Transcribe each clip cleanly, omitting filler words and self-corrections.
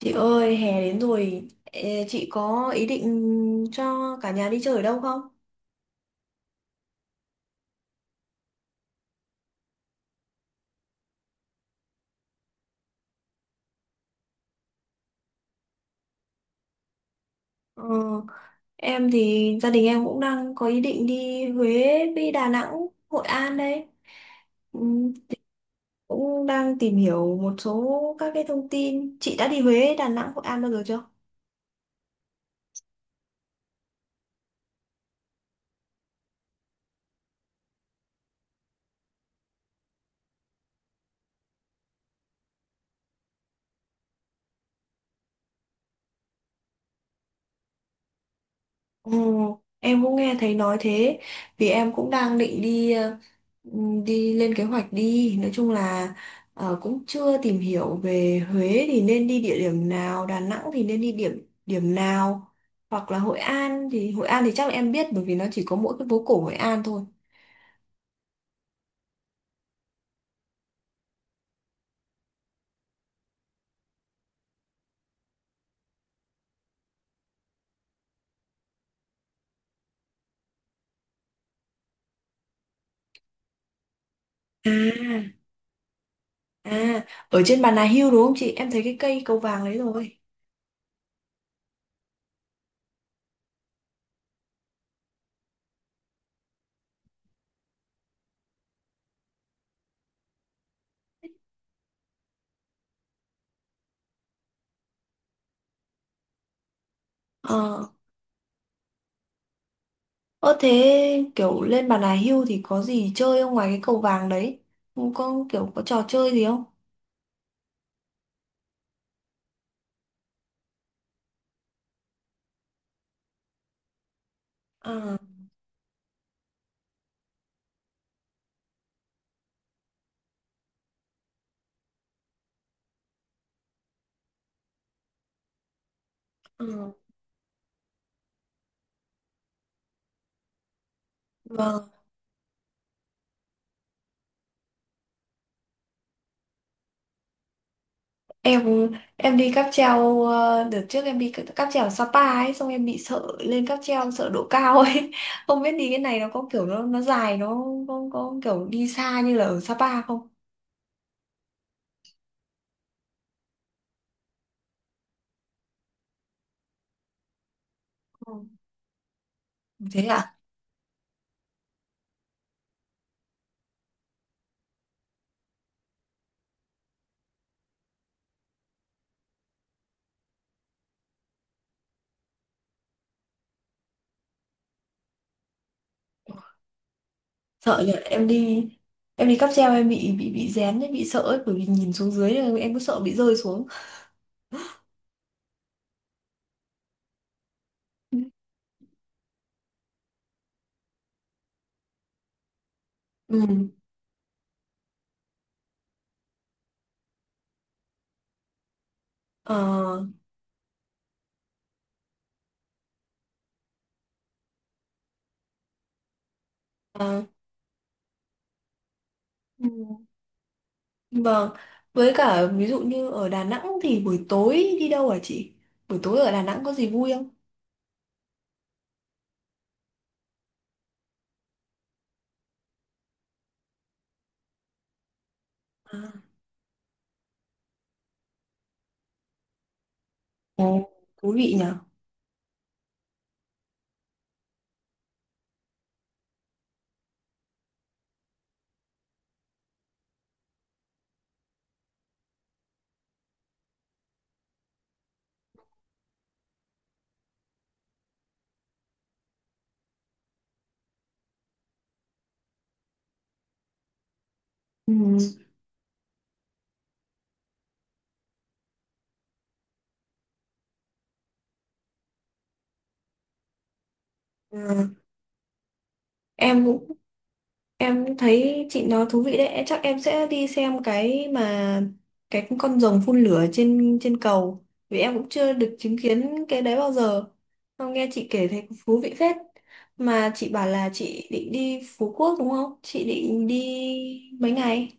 Chị ơi, hè đến rồi, chị có ý định cho cả nhà đi chơi ở đâu không? Ờ, em thì gia đình em cũng đang có ý định đi Huế với Đà Nẵng, Hội An đấy. Ừ, cũng đang tìm hiểu một số các cái thông tin. Chị đã đi Huế, Đà Nẵng, Hội An bao giờ chưa? Ồ, em cũng nghe thấy nói thế vì em cũng đang định đi đi lên kế hoạch đi nói chung là cũng chưa tìm hiểu về Huế thì nên đi địa điểm nào, Đà Nẵng thì nên đi điểm điểm nào, hoặc là Hội An thì chắc là em biết bởi vì nó chỉ có mỗi cái phố cổ Hội An thôi. À, à, ở trên Bà Nà Hills đúng không chị, em thấy cái cây cầu vàng đấy rồi. Ờ, ơ thế kiểu lên Bà Nà Hills thì có gì chơi không ngoài cái cầu vàng đấy? Không có kiểu có trò chơi gì không? Ờ, ờ, vâng. Em đi cáp treo đợt trước em đi cáp treo ở Sapa ấy, xong em bị sợ lên cáp treo, sợ độ cao ấy. Không biết đi cái này nó có kiểu nó dài, nó có kiểu đi xa như là ở Sapa không? Ừ. Thế à? Sợ nhỉ. Em đi cáp treo em bị rén ấy, bị sợ ấy, bởi vì nhìn xuống dưới là em cứ sợ bị rơi xuống. Ừ. Ờ. Ờ. Ừ. Vâng, với cả ví dụ như ở Đà Nẵng thì buổi tối đi đâu hả chị? Buổi tối ở Đà Nẵng có gì vui không? À, ồ, thú vị nhở? Ừ. Ừ. Em cũng cũng thấy chị nói thú vị đấy, chắc em sẽ đi xem cái mà, cái con rồng phun lửa trên trên cầu, vì em cũng chưa được chứng kiến cái đấy bao giờ. Không, nghe chị kể thấy thú vị phết. Mà chị bảo là chị định đi Phú Quốc đúng không? Chị định đi mấy ngày?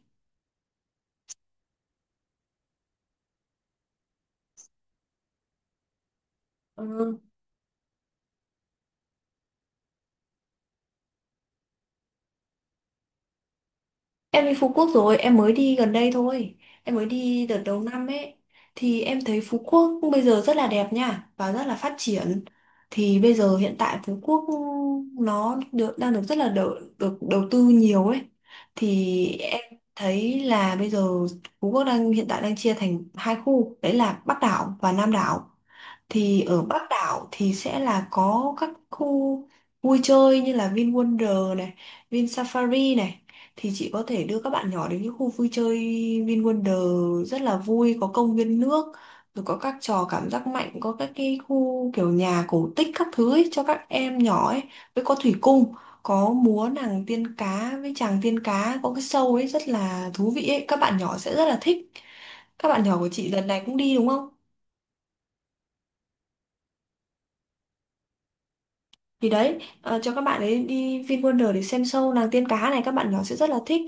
Ừ. Em đi Phú Quốc rồi, em mới đi gần đây thôi. Em mới đi đợt đầu năm ấy. Thì em thấy Phú Quốc bây giờ rất là đẹp nha, và rất là phát triển. Thì bây giờ hiện tại Phú Quốc nó được, đang được rất là được đầu tư nhiều ấy. Thì em thấy là bây giờ Phú Quốc đang hiện tại đang chia thành hai khu, đấy là Bắc đảo và Nam đảo. Thì ở Bắc đảo thì sẽ là có các khu vui chơi như là Vin Wonder này, Vin Safari này, thì chị có thể đưa các bạn nhỏ đến những khu vui chơi. Vin Wonder rất là vui, có công viên nước, rồi có các trò cảm giác mạnh, có các cái khu kiểu nhà cổ tích các thứ ấy, cho các em nhỏ ấy, với có thủy cung, có múa nàng tiên cá với chàng tiên cá, có cái show ấy rất là thú vị ấy, các bạn nhỏ sẽ rất là thích. Các bạn nhỏ của chị lần này cũng đi đúng không? Thì đấy, cho các bạn ấy đi VinWonder để xem show nàng tiên cá này, các bạn nhỏ sẽ rất là thích.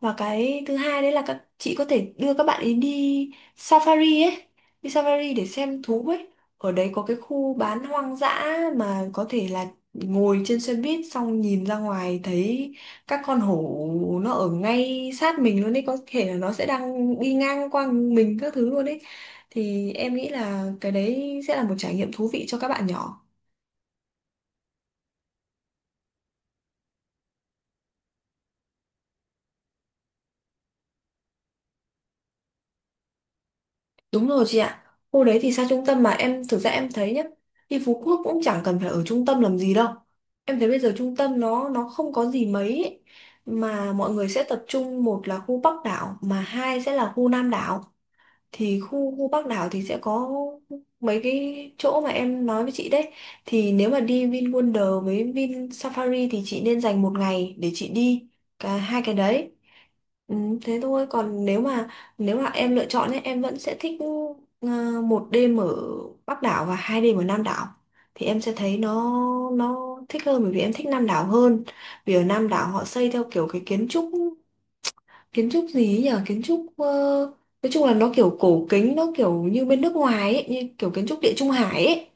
Và cái thứ hai đấy là các chị có thể đưa các bạn ấy, đi safari để xem thú ấy. Ở đấy có cái khu bán hoang dã mà có thể là ngồi trên xe buýt xong nhìn ra ngoài thấy các con hổ nó ở ngay sát mình luôn ấy, có thể là nó sẽ đang đi ngang qua mình các thứ luôn ấy. Thì em nghĩ là cái đấy sẽ là một trải nghiệm thú vị cho các bạn nhỏ. Đúng rồi chị ạ. Khu đấy thì xa trung tâm, mà em thực ra em thấy nhá, đi Phú Quốc cũng chẳng cần phải ở trung tâm làm gì đâu. Em thấy bây giờ trung tâm nó không có gì mấy ấy. Mà mọi người sẽ tập trung, một là khu Bắc đảo mà hai sẽ là khu Nam đảo. Thì khu khu Bắc đảo thì sẽ có mấy cái chỗ mà em nói với chị đấy, thì nếu mà đi Vin Wonder với Vin Safari thì chị nên dành một ngày để chị đi cả hai cái đấy. Ừ, thế thôi. Còn nếu mà em lựa chọn ấy, em vẫn sẽ thích ờ, một đêm ở Bắc đảo và hai đêm ở Nam đảo, thì em sẽ thấy nó thích hơn bởi vì em thích Nam đảo hơn. Vì ở Nam đảo họ xây theo kiểu cái kiến trúc gì ấy nhở, kiến trúc nói chung là nó kiểu cổ kính, nó kiểu như bên nước ngoài ấy, như kiểu kiến trúc Địa Trung Hải ấy.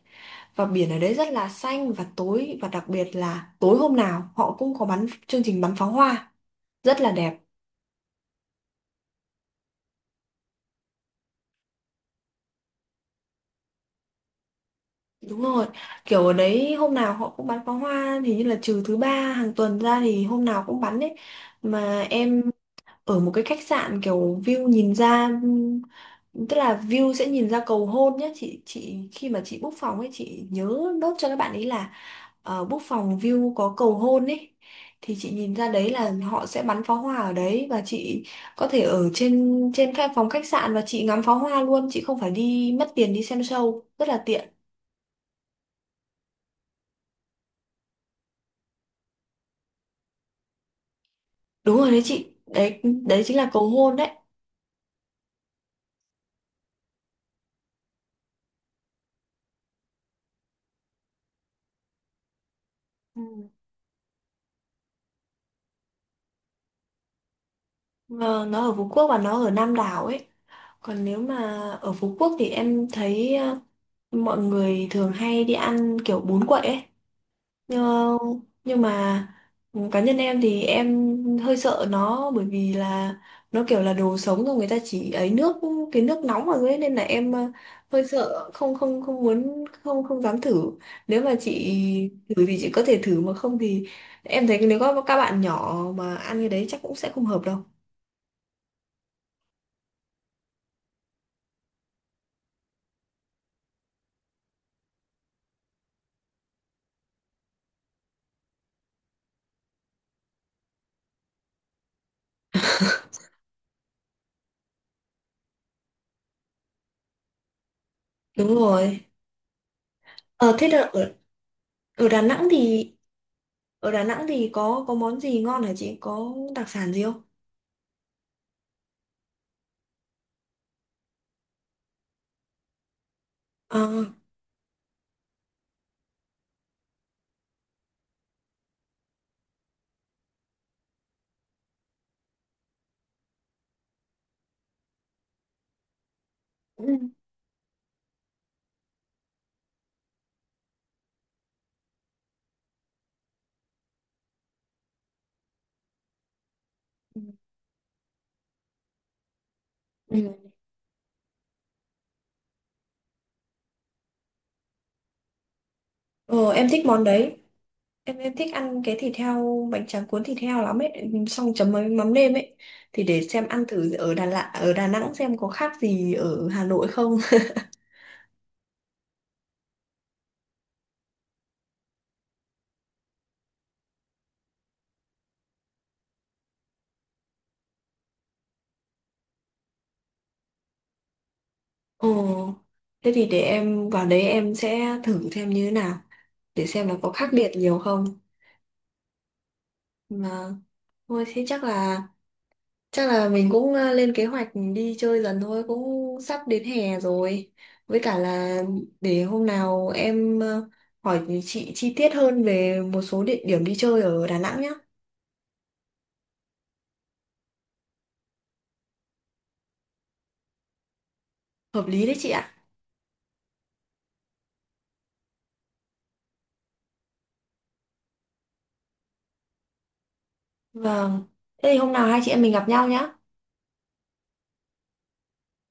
Và biển ở đấy rất là xanh và tối, và đặc biệt là tối hôm nào họ cũng có bắn chương trình bắn pháo hoa rất là đẹp. Đúng rồi, kiểu ở đấy hôm nào họ cũng bắn pháo hoa, thì như là trừ thứ ba hàng tuần ra thì hôm nào cũng bắn ấy. Mà em ở một cái khách sạn kiểu view nhìn ra, tức là view sẽ nhìn ra cầu hôn nhé chị. Chị khi mà chị book phòng ấy chị nhớ nốt cho các bạn ấy là book phòng view có cầu hôn ấy, thì chị nhìn ra đấy là họ sẽ bắn pháo hoa ở đấy, và chị có thể ở trên trên phòng khách sạn và chị ngắm pháo hoa luôn, chị không phải đi mất tiền đi xem show, rất là tiện. Đúng rồi đấy chị, đấy đấy chính là cầu hôn đấy. Ừ. Ờ, nó ở Phú Quốc và nó ở Nam Đảo ấy. Còn nếu mà ở Phú Quốc thì em thấy mọi người thường hay đi ăn kiểu bún quậy ấy, nhưng nhưng mà cá nhân em thì em hơi sợ nó bởi vì là nó kiểu là đồ sống rồi người ta chỉ ấy nước, cái nước nóng vào dưới ấy, nên là em hơi sợ, không không không muốn, không không dám thử. Nếu mà chị thử thì chị có thể thử, mà không thì em thấy nếu có các bạn nhỏ mà ăn cái đấy chắc cũng sẽ không hợp đâu. Đúng rồi. ờ thế là ở, Ở Đà Nẵng thì có món gì ngon hả chị, có đặc sản gì không? Ờ, cũng- ừ. Ừ. Ờ, em thích món đấy. Em thích ăn cái thịt heo, bánh tráng cuốn thịt heo lắm ấy, xong chấm với mắm nêm ấy. Thì để xem ăn thử ở Đà Lạt, ở Đà Nẵng xem có khác gì ở Hà Nội không. Ồ, thế thì để em vào đấy em sẽ thử xem như thế nào, để xem là có khác biệt nhiều không. Mà thôi thế chắc là, chắc là mình cũng lên kế hoạch đi chơi dần thôi, cũng sắp đến hè rồi. Với cả là để hôm nào em hỏi chị chi tiết hơn về một số địa điểm đi chơi ở Đà Nẵng nhá. Hợp lý đấy chị ạ. Vâng. Thế thì hôm nào hai chị em mình gặp nhau nhá.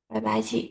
Bye bye chị.